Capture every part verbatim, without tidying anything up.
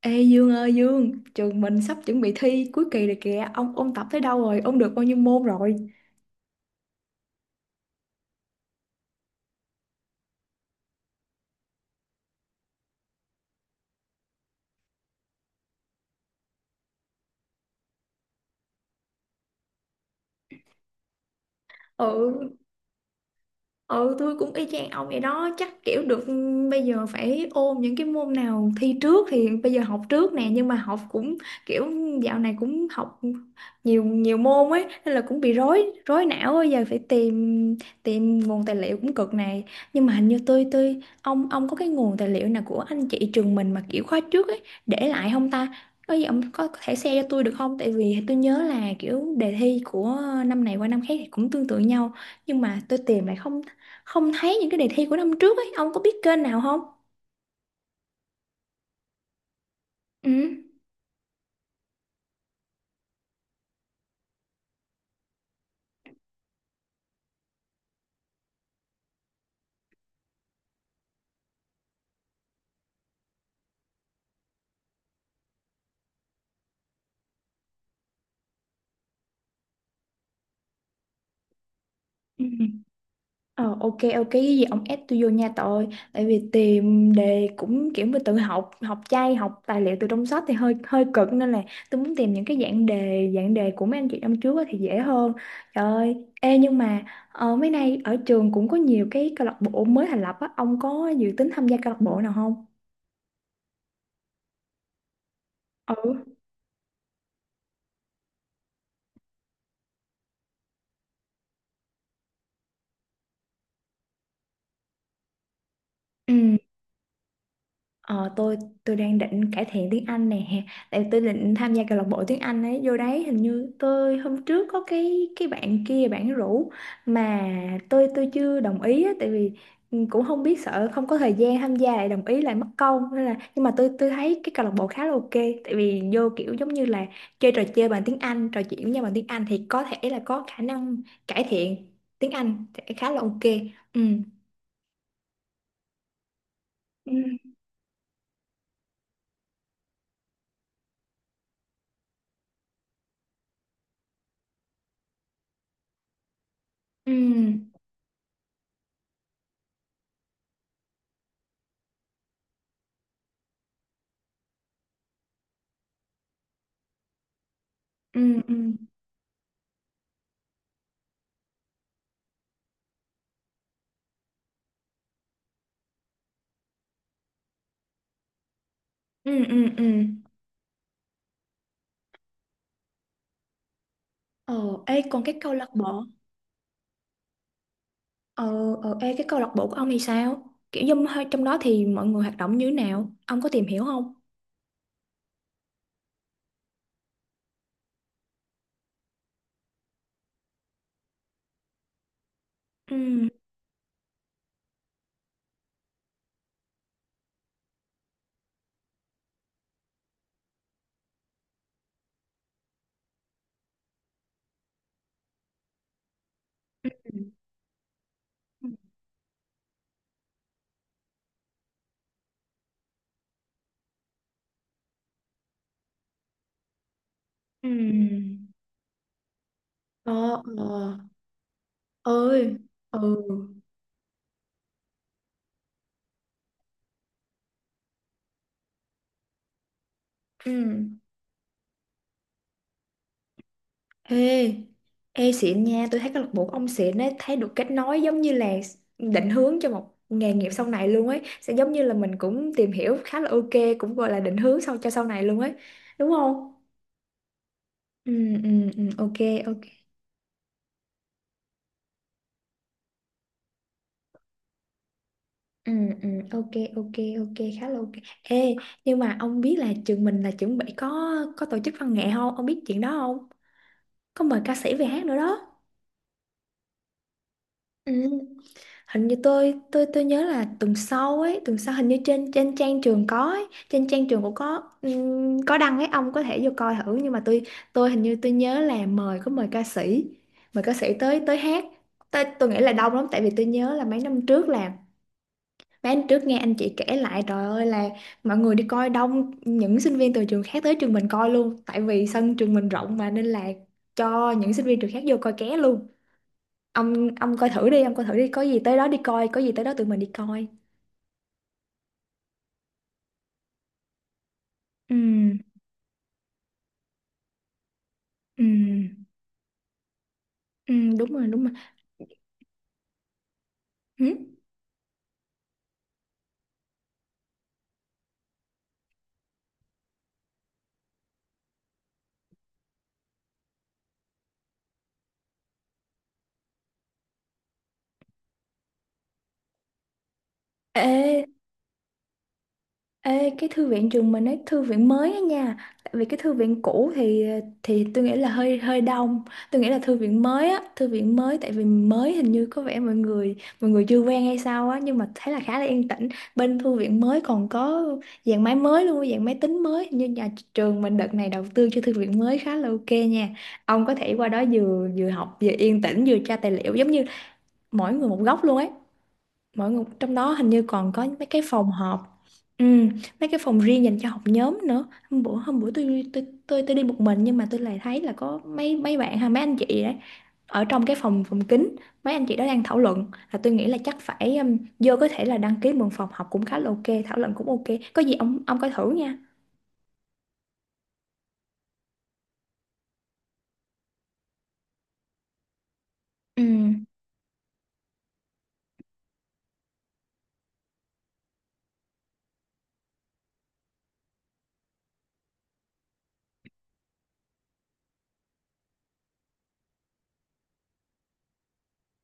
Ê Dương ơi Dương, trường mình sắp chuẩn bị thi cuối kỳ rồi kìa. Ông ôn tập tới đâu rồi? Ông được bao nhiêu môn rồi? Ừ. ừ tôi cũng y chang ông vậy đó, chắc kiểu được, ừ, bây giờ phải ôn những cái môn nào thi trước thì bây giờ học trước nè, nhưng mà học cũng kiểu dạo này cũng học nhiều nhiều môn ấy nên là cũng bị rối rối não ấy. Giờ phải tìm tìm nguồn tài liệu cũng cực này, nhưng mà hình như tôi tôi ông ông có cái nguồn tài liệu nào của anh chị trường mình mà kiểu khóa trước ấy để lại không ta? Có gì ông có thể share cho tôi được không, tại vì tôi nhớ là kiểu đề thi của năm này qua năm khác thì cũng tương tự nhau, nhưng mà tôi tìm lại không không thấy những cái đề thi của năm trước ấy. Ông có biết kênh nào không? Ừ. Ừ. Ờ, ok, ok, cái gì ông ép tôi vô nha, tội, tại vì tìm đề cũng kiểu, mà tự học, học chay, học tài liệu từ trong sách thì hơi hơi cực, nên là tôi muốn tìm những cái dạng đề dạng đề của mấy anh chị năm trước á thì dễ hơn. Trời ơi, ê, nhưng mà ờ, mấy nay ở trường cũng có nhiều cái câu lạc bộ mới thành lập á, ông có dự tính tham gia câu lạc bộ nào không? Ừ, ừ. Ờ, tôi tôi đang định cải thiện tiếng Anh nè, tại vì tôi định tham gia câu lạc bộ tiếng Anh ấy, vô đấy. Hình như tôi hôm trước có cái cái bạn kia, bạn rủ, mà tôi tôi chưa đồng ý á, tại vì ừ, cũng không biết, sợ không có thời gian tham gia lại đồng ý lại mất công, nên là. Nhưng mà tôi tôi thấy cái câu lạc bộ khá là ok, tại vì vô kiểu giống như là chơi trò chơi bằng tiếng Anh, trò chuyện với nhau bằng tiếng Anh thì có thể là có khả năng cải thiện tiếng Anh sẽ khá là ok. Ừ, ừ, ừ, ừ, ừ, ừ, ừ, ừ. Ờ, ê, còn cái câu lạc bộ... Ờ, ờ, ê, cái câu lạc bộ của ông thì sao? Kiểu như hơi- trong đó thì mọi người hoạt động như thế nào? Ông có tìm hiểu không? Ừ, ừ, ừ, ừ. Ờ, ờ, ơi, ừ, ừ. Ê, ê xịn nha, tôi thấy câu lạc bộ của ông xịn ấy, thấy được kết nối giống như là định hướng cho một nghề nghiệp sau này luôn ấy. Sẽ giống như là mình cũng tìm hiểu khá là ok, cũng gọi là định hướng sau cho sau này luôn ấy. Đúng không? Ừ, ừ, ừ, ok, ok. Ừ, ừ, ok, ok, ok, khá là ok. Ê, nhưng mà ông biết là trường mình là chuẩn bị có có tổ chức văn nghệ không, ông biết chuyện đó không? Có mời ca sĩ về hát nữa đó. Ừ. Hình như tôi tôi tôi nhớ là tuần sau ấy, tuần sau hình như trên trên trang trường có ấy, trên trang trường cũng có ừm, có đăng ấy, ông có thể vô coi thử. Nhưng mà tôi tôi hình như tôi nhớ là mời có mời ca sĩ, mời ca sĩ tới tới hát tôi tôi nghĩ là đông lắm, tại vì tôi nhớ là mấy năm trước là... Bán trước nghe anh chị kể lại, trời ơi là mọi người đi coi đông, những sinh viên từ trường khác tới trường mình coi luôn, tại vì sân trường mình rộng mà, nên là cho những sinh viên trường khác vô coi ké luôn. Ông ông coi thử đi, ông coi thử đi, có gì tới đó đi coi, có gì tới đó tụi mình đi coi. Ừ, ừ, ừ, đúng rồi, đúng rồi, ừ. Ê. Ê, cái thư viện trường mình ấy, thư viện mới á nha, tại vì cái thư viện cũ thì thì tôi nghĩ là hơi hơi đông. Tôi nghĩ là thư viện mới á, thư viện mới, tại vì mới hình như có vẻ mọi người mọi người chưa quen hay sao á, nhưng mà thấy là khá là yên tĩnh. Bên thư viện mới còn có dàn máy mới luôn, dàn máy tính mới. Hình như nhà trường mình đợt này đầu tư cho thư viện mới khá là ok nha, ông có thể qua đó, vừa vừa học vừa yên tĩnh vừa tra tài liệu, giống như mỗi người một góc luôn ấy, mỗi người trong đó hình như còn có mấy cái phòng họp, ừ, mấy cái phòng riêng dành cho học nhóm nữa. Hôm bữa hôm bữa tôi tôi tôi tôi đi một mình, nhưng mà tôi lại thấy là có mấy mấy bạn hay mấy anh chị đấy ở trong cái phòng phòng kín, mấy anh chị đó đang thảo luận, là tôi nghĩ là chắc phải um, vô có thể là đăng ký mượn phòng học cũng khá là ok, thảo luận cũng ok. Có gì ông ông coi thử nha. Ừ.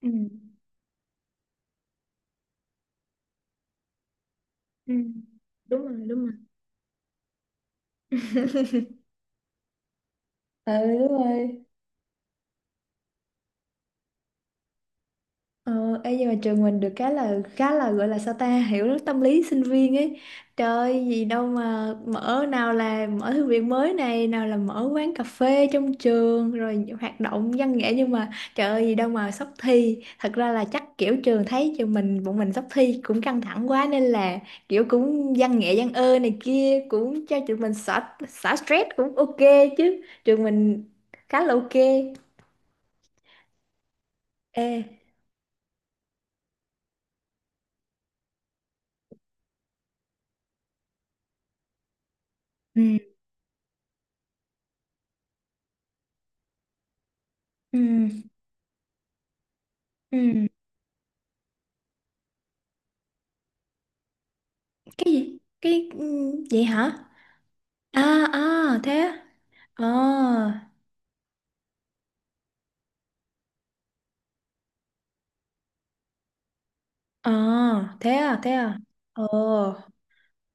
Ừ. Ừ. Đúng rồi, đúng rồi. Ừ, đúng rồi. Ờ, ê, nhưng mà trường mình được cái là khá là gọi là sao ta, hiểu tâm lý sinh viên ấy, trời, gì đâu mà mở, nào là mở thư viện mới này, nào là mở quán cà phê trong trường, rồi hoạt động văn nghệ, nhưng mà trời ơi, gì đâu mà sắp thi, thật ra là chắc kiểu trường thấy trường mình, bọn mình sắp thi cũng căng thẳng quá nên là kiểu cũng văn nghệ văn ơ này kia cũng cho trường mình xả xả stress cũng ok, chứ trường mình khá là ok. Ê. Ừ. Ừ. Ừ. Cái gì? Cái ừ, vậy hả? À, à, thế á? Ờ. Ờ, thế à, thế à. Ờ,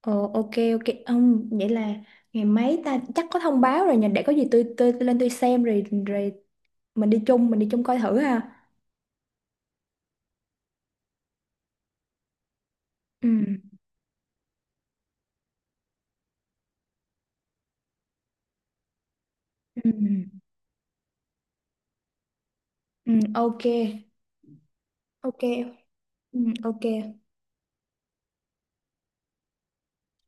ờ, ok, ok, ông, vậy là ngày mấy ta, chắc có thông báo rồi nhỉ, để có gì tôi tôi, tôi lên tôi xem rồi rồi mình đi chung, mình đi chung coi thử ha. Ừ, ừ, ừ, ừ, ok, ok, ừ, ok.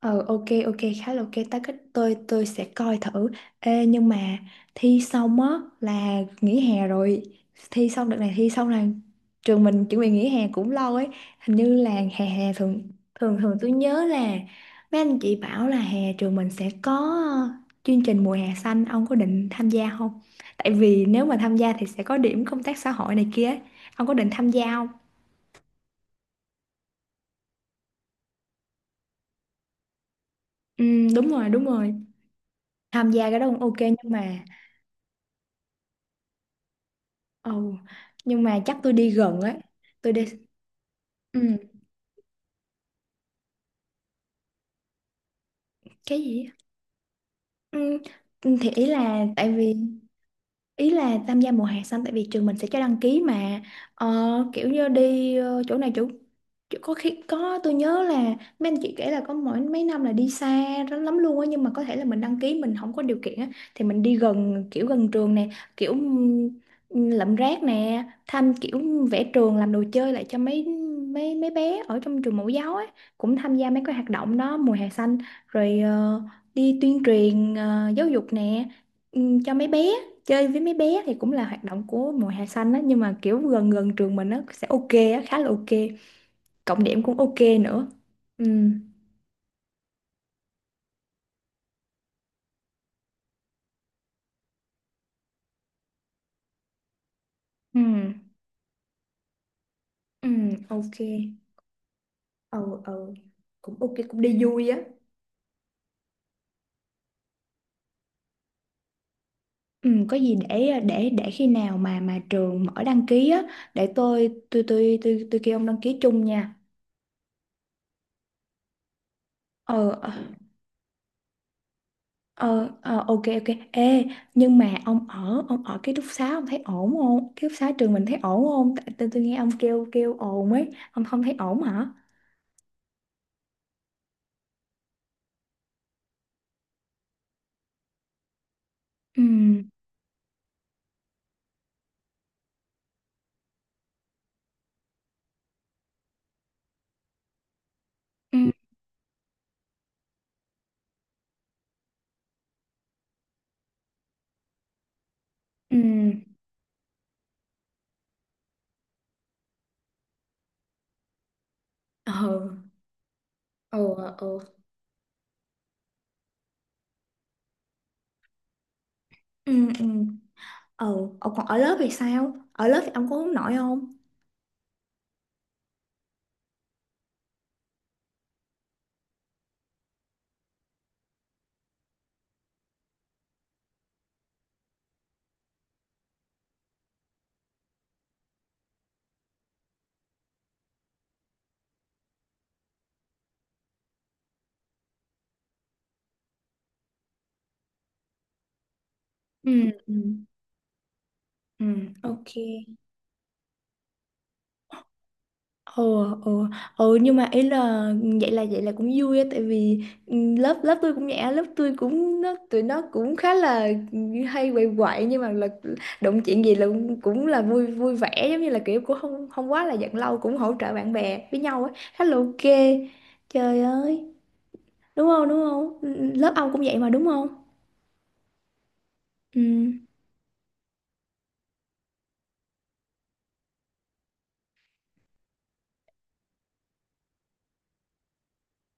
Ờ, ok, ok, khá là ok ta, cách tôi tôi sẽ coi thử. Ê, nhưng mà thi xong á là nghỉ hè rồi, thi xong đợt này, thi xong là trường mình chuẩn bị nghỉ hè cũng lâu ấy, hình như là hè hè thường thường thường tôi nhớ là mấy anh chị bảo là hè trường mình sẽ có ờ, chương trình mùa hè xanh, ông có định tham gia không? Tại vì nếu mà tham gia thì sẽ có điểm công tác xã hội này kia ấy. Ông có định tham gia không? Ừ, đúng rồi, đúng rồi, tham gia cái đó cũng ok nhưng mà... Ồ, nhưng mà chắc tôi đi gần ấy. Tôi đi. Ừ, cái gì? Á? Ừ, ừ, thì ý là tại vì... Ý là tham gia mùa hè xanh, tại vì trường mình sẽ cho đăng ký mà. Ờ, kiểu như đi ờ, chỗ này chỗ chỗ- có khi có, tôi nhớ là mấy anh chị kể là có mỗi mấy năm là đi xa lắm lắm luôn á, nhưng mà có thể là mình đăng ký mình không có điều kiện á thì mình đi gần, kiểu gần trường nè, kiểu ừm, lượm rác nè, thăm kiểu vẽ trường, làm đồ chơi lại cho mấy mấy mấy bé ở trong trường mẫu giáo ấy, cũng tham gia mấy cái hoạt động đó mùa hè xanh, rồi ờ, đi tuyên truyền ờ, giáo dục nè, ừm, cho mấy bé, chơi với mấy bé thì cũng là hoạt động của mùa hè xanh á, nhưng mà kiểu gần gần trường mình nó sẽ ok á, khá là ok, cộng điểm cũng ok nữa. Ừ, ừ, ừ, ok, ừ, ừ, cũng ok, cũng đi vui á. Ừ, có gì để để để khi nào mà mà trường mở đăng ký á, để tôi tôi tôi tôi tôi kêu ông đăng ký chung nha. Ờ, ờ. Ờ, ờ, ok, ok. Ê, nhưng mà ông ở ông ở ký túc xá, ông thấy ổn không? Ký túc xá trường mình thấy ổn không? Tại tôi, tôi nghe ông kêu kêu ồn ấy, ông không thấy ổn hả? Ừ, ừ, ừ, ờ, ờ, ờ, ừ, ừ, ờ. Ờ, còn ở lớp thì sao? Ở lớp thì ông có hướng nội không? Ừ, ừ, ừ, ok. Ồ, ồ, ồ, nhưng mà ý là vậy là vậy là cũng vui á, tại vì ừ, lớp lớp tôi cũng vậy á, lớp tôi cũng, nó tụi nó cũng khá là hay quậy quậy, nhưng mà là đụng chuyện gì là cũng cũng là vui vui vẻ, giống như là kiểu cũng không không quá là giận lâu, cũng hỗ trợ bạn bè với nhau á, khá là ok. Trời ơi, đúng không, đúng không? Ừ, ừ, lớp ông cũng vậy mà, đúng không? Ừ.